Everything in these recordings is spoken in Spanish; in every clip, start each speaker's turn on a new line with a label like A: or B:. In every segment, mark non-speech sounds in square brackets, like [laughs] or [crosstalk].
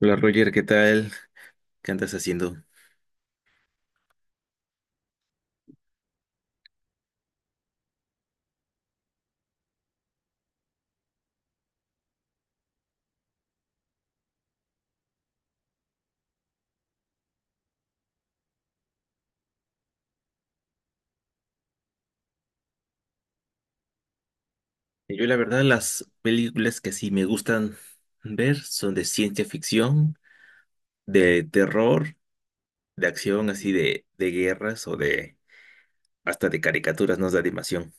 A: Hola Roger, ¿qué tal? ¿Qué andas haciendo? Yo la verdad las películas que sí me gustan ver son de ciencia ficción, de terror, de acción así de guerras o de hasta de caricaturas, no de animación.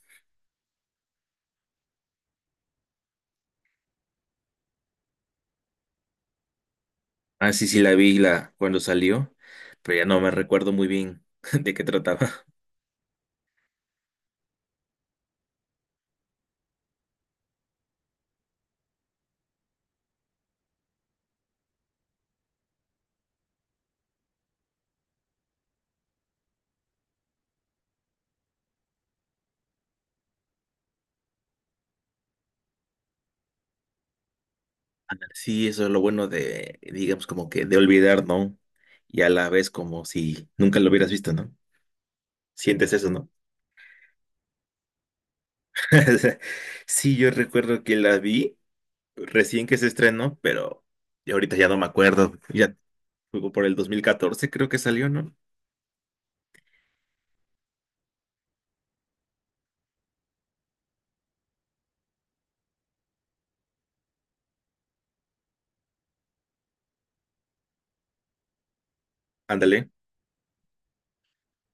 A: Ah, sí, sí la vi cuando salió, pero ya no me recuerdo muy bien [laughs] de qué trataba. Sí, eso es lo bueno de, digamos, como que de olvidar, ¿no? Y a la vez como si nunca lo hubieras visto, ¿no? Sientes eso, ¿no? [laughs] Sí, yo recuerdo que la vi recién que se estrenó, pero ya ahorita ya no me acuerdo. Ya fue por el 2014, creo que salió, ¿no? Ándale.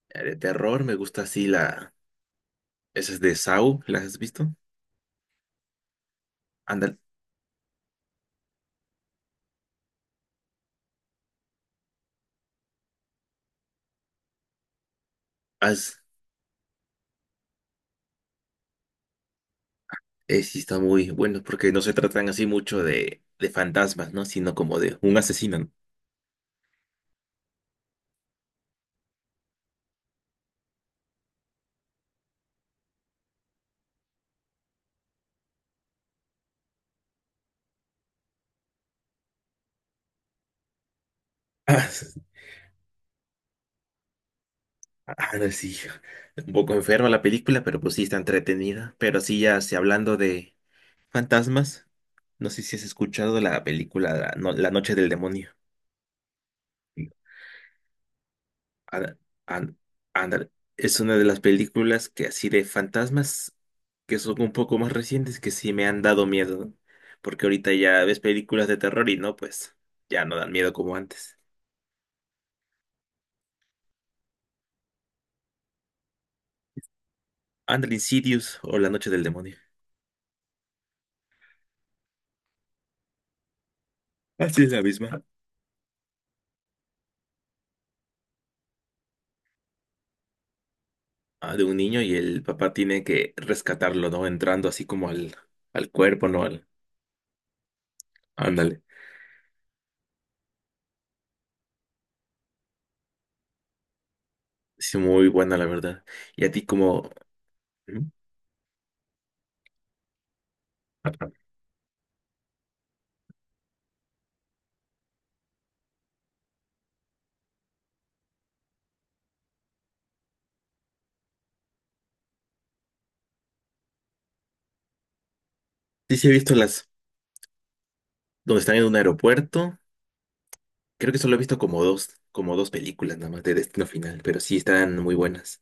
A: De terror, me gusta así la esas de Saw, ¿las has visto? Ándale. Haz- sí, está muy bueno, porque no se tratan así mucho de fantasmas, ¿no? Sino como de un asesino, ¿no? [laughs] Ah, s- ah, no, sí. Un poco enferma la película, pero pues sí está entretenida. Pero sí, ya sí, hablando de fantasmas, no sé si has escuchado la película La, No- La Noche del Demonio. Ándale, án- ándale. Es una de las películas que así de fantasmas que son un poco más recientes que sí me han dado miedo, ¿no? Porque ahorita ya ves películas de terror y no, pues ya no dan miedo como antes. Ándale, Insidious o La Noche del Demonio. Así es la misma. Ah, de un niño y el papá tiene que rescatarlo, ¿no? Entrando así como al, al cuerpo, ¿no? Al, ándale. Sí, muy buena, la verdad. Y a ti como... ¿Mm? Sí, sí he visto las... donde están en un aeropuerto. Creo que solo he visto como dos películas nada más de Destino Final, pero sí están muy buenas.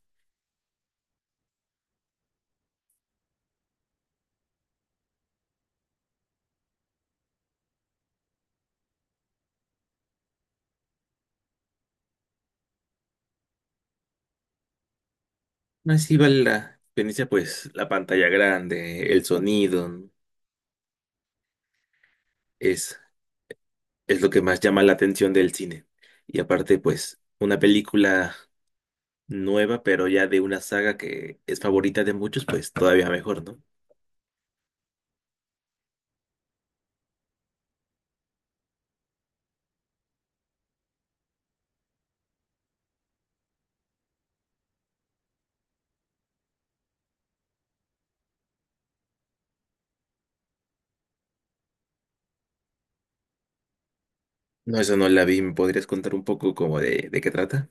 A: No, sí vale la experiencia, pues la pantalla grande, el sonido, es, es lo que más llama la atención del cine. Y aparte, pues, una película nueva, pero ya de una saga que es favorita de muchos, pues todavía mejor, ¿no? No, eso no la vi. ¿Me podrías contar un poco como de qué trata?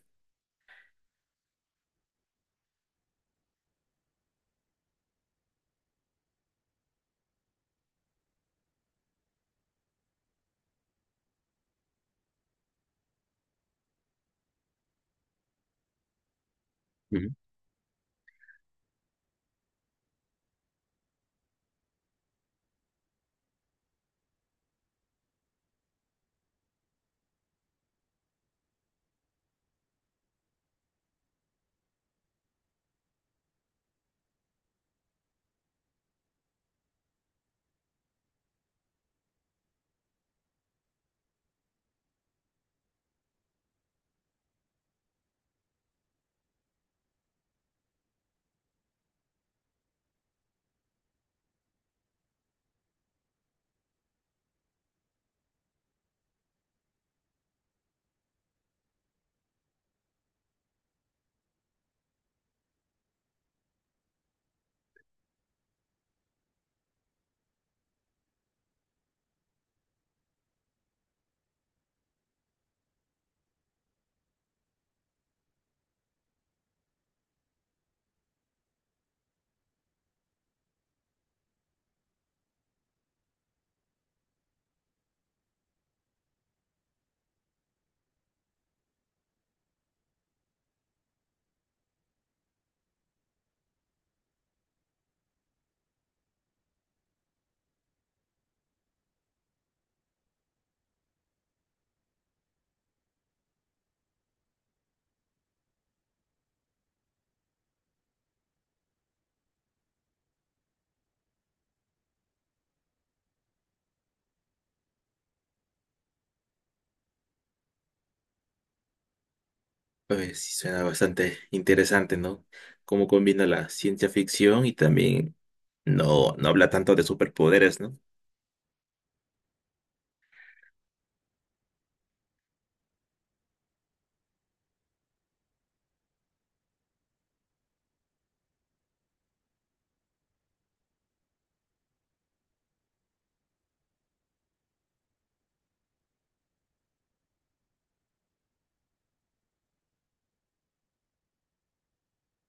A: Oye, sí, suena bastante interesante, ¿no? Cómo combina la ciencia ficción y también no, no habla tanto de superpoderes, ¿no?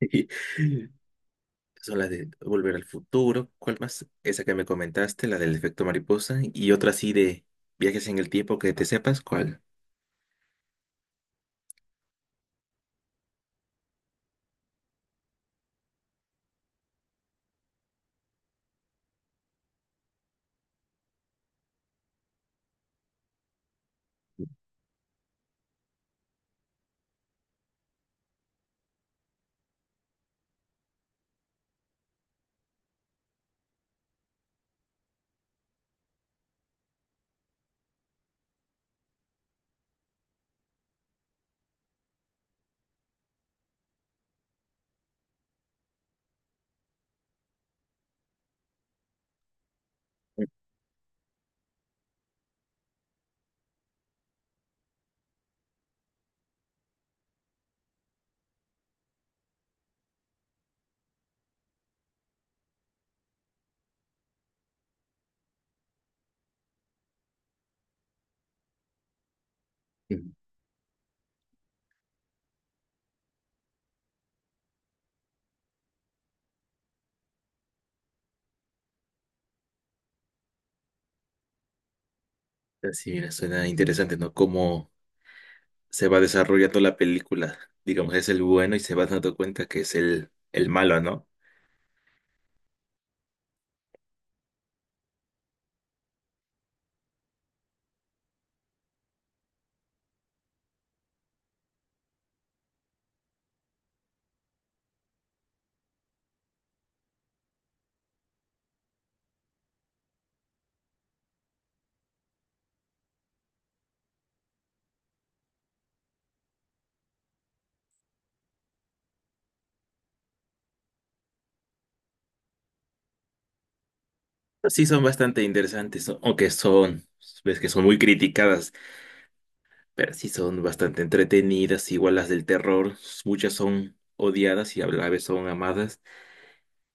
A: [laughs] Son las de Volver al Futuro, ¿cuál más? Esa que me comentaste, la del efecto mariposa y otra así de viajes en el tiempo que te sepas, ¿cuál? Mm. Así, mira, suena interesante, ¿no? Cómo se va desarrollando la película. Digamos, es el bueno y se va dando cuenta que es el malo, ¿no? Pues sí, son bastante interesantes, ¿no? Aunque son, ves que son muy criticadas, pero sí son bastante entretenidas, igual las del terror, muchas son odiadas y a la vez son amadas,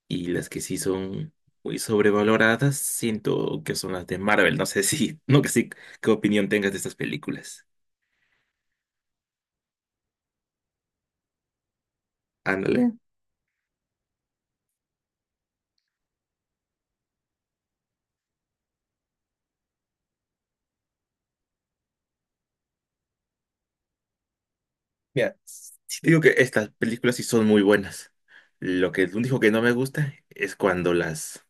A: y las que sí son muy sobrevaloradas, siento que son las de Marvel, no sé [laughs] si, no que sí, qué opinión tengas de estas películas. Ándale. Mira, sí te digo que estas películas sí son muy buenas. Lo que lo dijo que no me gusta es cuando las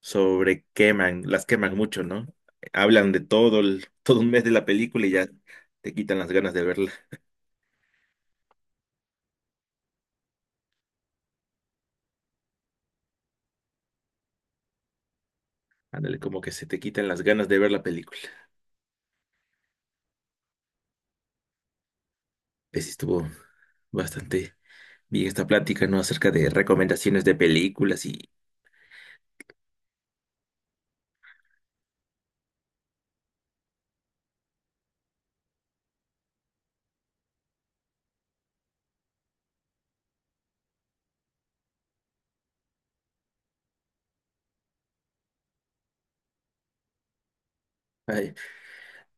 A: sobrequeman, las queman mucho, ¿no? Hablan de todo todo un mes de la película y ya te quitan las ganas de verla. Ándale, como que se te quitan las ganas de ver la película. Pues sí estuvo bastante bien esta plática, ¿no? Acerca de recomendaciones de películas y... ay,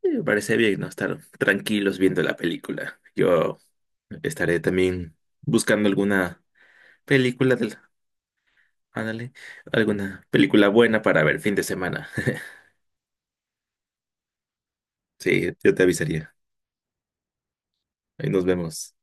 A: Me parece bien, ¿no? Estar tranquilos viendo la película. Yo estaré también buscando alguna película de la- ándale, alguna película buena para ver fin de semana. [laughs] Sí, yo te avisaría. Ahí nos vemos.